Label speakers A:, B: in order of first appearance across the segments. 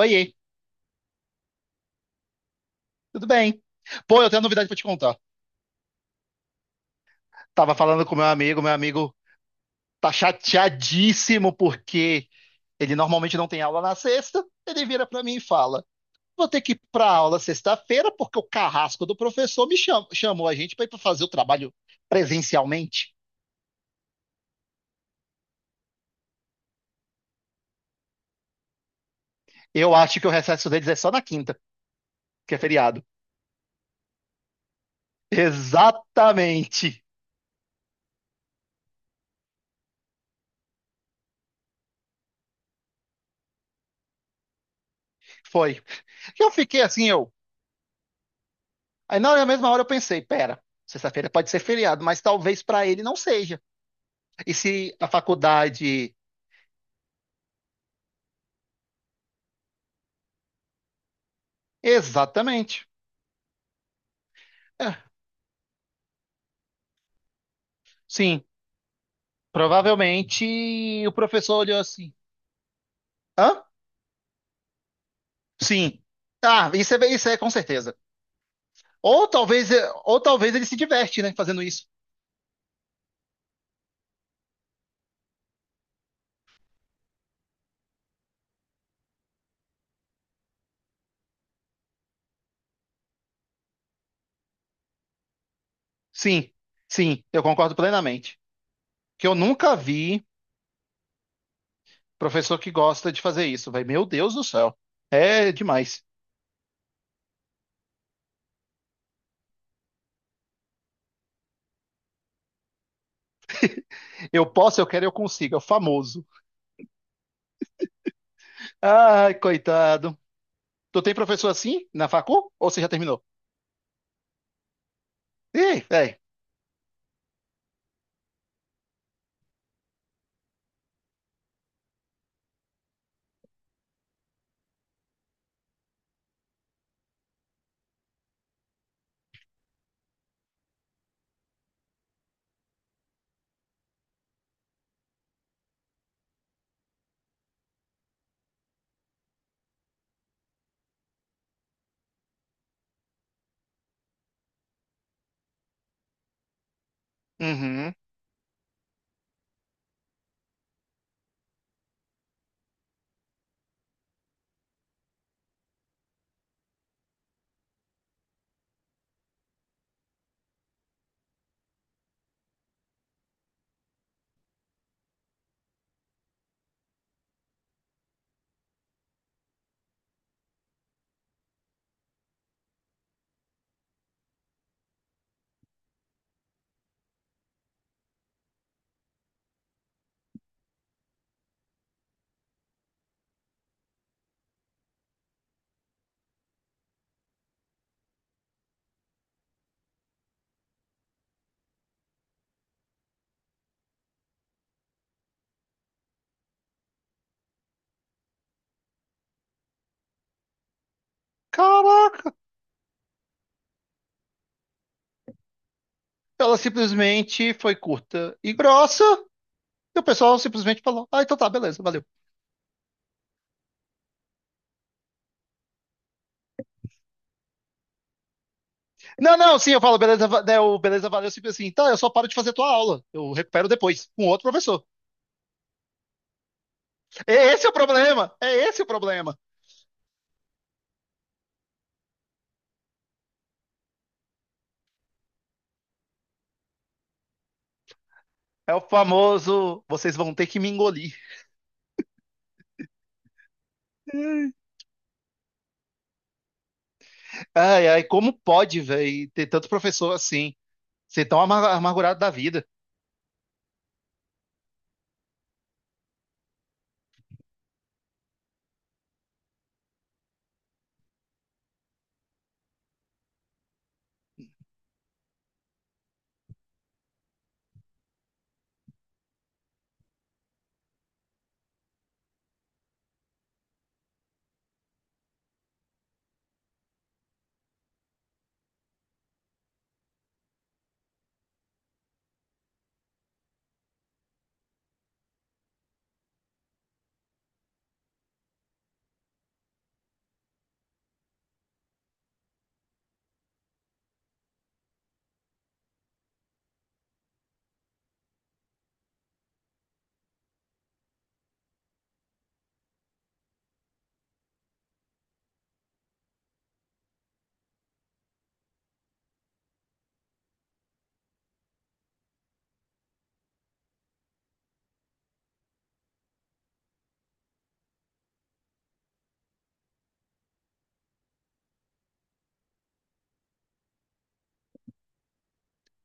A: Oiê, tudo bem? Pô, eu tenho uma novidade pra te contar. Tava falando com meu amigo tá chateadíssimo porque ele normalmente não tem aula na sexta. Ele vira pra mim e fala: vou ter que ir pra aula sexta-feira porque o carrasco do professor chamou a gente pra ir pra fazer o trabalho presencialmente. Eu acho que o recesso deles é só na quinta, que é feriado. Exatamente. Foi. Eu fiquei assim, eu. Aí na mesma hora eu pensei: pera, sexta-feira pode ser feriado, mas talvez pra ele não seja. E se a faculdade. Exatamente. É, sim. Provavelmente o professor olhou assim. Hã? Sim. Ah, isso é com certeza. Ou talvez, ou talvez ele se diverte, né, fazendo isso. Sim, sim, eu concordo plenamente. Que eu nunca vi professor que gosta de fazer isso, velho. Meu Deus do céu. É demais. Eu posso, eu quero, eu consigo. É o famoso. Ai, coitado. Tu tem professor assim na facu? Ou você já terminou? Ih, velho. Uhum. Caraca. Ela simplesmente foi curta e grossa. E o pessoal simplesmente falou: ah, então tá, beleza, valeu. Não, não, sim, eu falo, beleza, va- né, o beleza, valeu, sempre assim, tá, eu só paro de fazer tua aula. Eu recupero depois, com outro professor. É esse é o problema, é esse o problema. É o famoso, vocês vão ter que me engolir. Ai, ai, como pode, velho, ter tanto professor assim, ser tão amargurado da vida?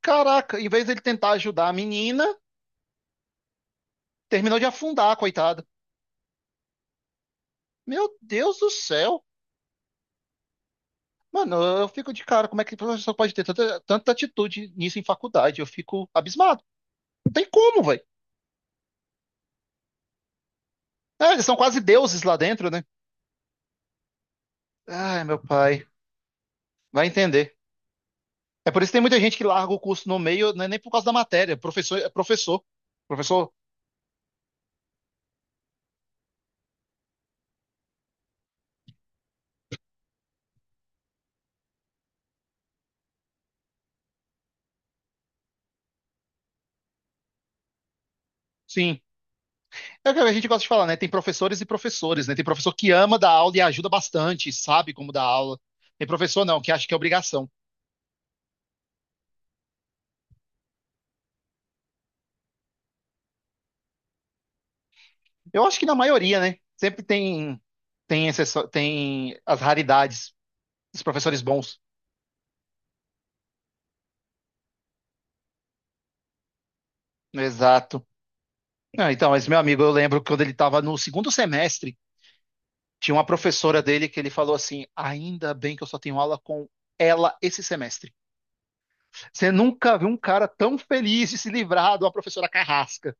A: Caraca, em vez dele tentar ajudar a menina, terminou de afundar, coitada. Meu Deus do céu. Mano, eu fico de cara, como é que o professor pode ter tanta atitude nisso em faculdade? Eu fico abismado. Não tem como, velho. É, eles são quase deuses lá dentro, né? Ai, meu pai. Vai entender. É por isso que tem muita gente que larga o curso no meio, não é nem por causa da matéria. Professor é professor. Professor, sim. É o que a gente gosta de falar, né? Tem professores e professores, né? Tem professor que ama dar aula e ajuda bastante, sabe como dar aula. Tem professor não, que acha que é obrigação. Eu acho que na maioria, né? Sempre tem exceção, tem as raridades dos professores bons. Exato. Não, então, mas meu amigo, eu lembro que quando ele estava no segundo semestre, tinha uma professora dele que ele falou assim: ainda bem que eu só tenho aula com ela esse semestre. Você nunca viu um cara tão feliz de se livrar de uma professora carrasca.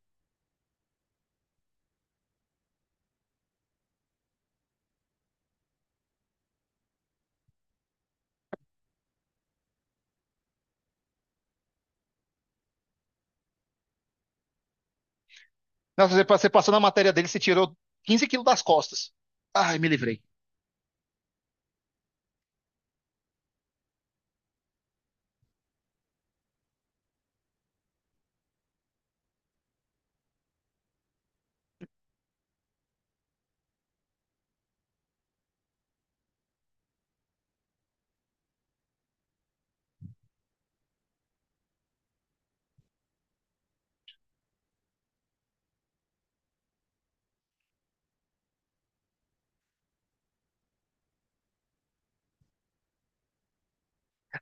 A: Nossa, você passou na matéria dele, você tirou 15 quilos das costas. Ai, me livrei.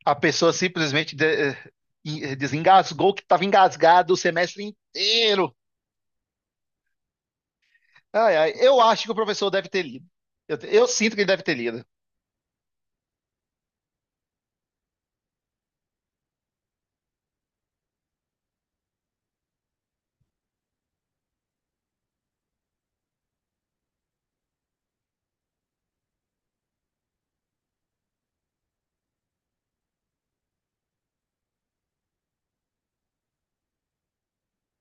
A: A pessoa simplesmente de- eh, em- eh, desengasgou que estava engasgado o semestre inteiro. Ai, ai, eu acho que o professor deve ter lido. Eu sinto que ele deve ter lido.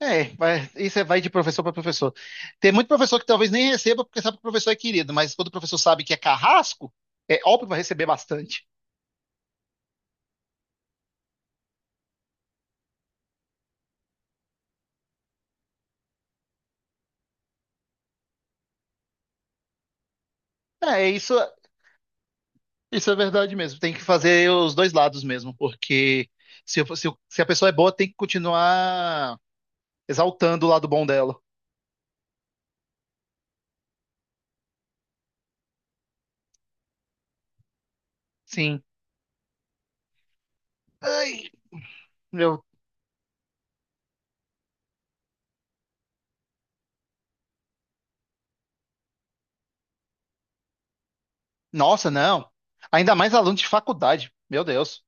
A: É, vai de professor para professor. Tem muito professor que talvez nem receba porque sabe que o professor é querido, mas quando o professor sabe que é carrasco, é óbvio que vai receber bastante. É, isso é verdade mesmo. Tem que fazer os dois lados mesmo, porque se a pessoa é boa, tem que continuar exaltando o lado bom dela. Sim. Ai, meu, nossa, não. Ainda mais aluno de faculdade, meu Deus.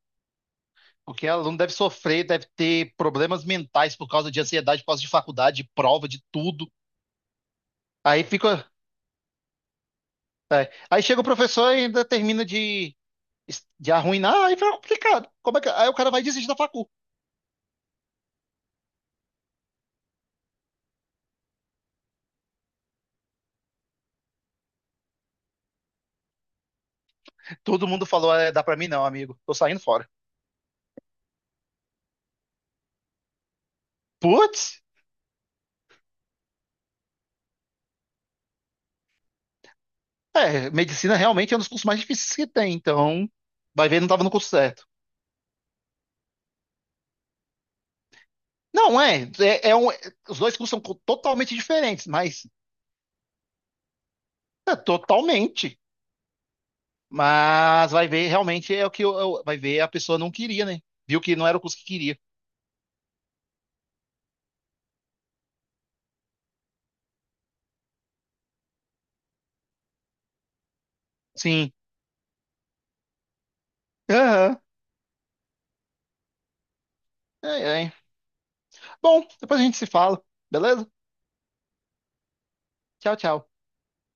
A: Porque aluno deve sofrer, deve ter problemas mentais por causa de ansiedade, por causa de faculdade, de prova, de tudo. Aí fica. Aí chega o professor e ainda termina de arruinar, aí fica complicado. Como é que... Aí o cara vai desistir da facu. Todo mundo falou, é, dá pra mim não, amigo. Tô saindo fora. Putz, é, medicina realmente é um dos cursos mais difíceis que tem, então vai ver, não tava no curso certo. Não, é, é, é um... os dois cursos são totalmente diferentes, mas é, totalmente. Mas vai ver, realmente é o que vai ver, a pessoa não queria, né? Viu que não era o curso que queria. Sim. Aham. É, é. Bom, depois a gente se fala, beleza? Tchau, tchau.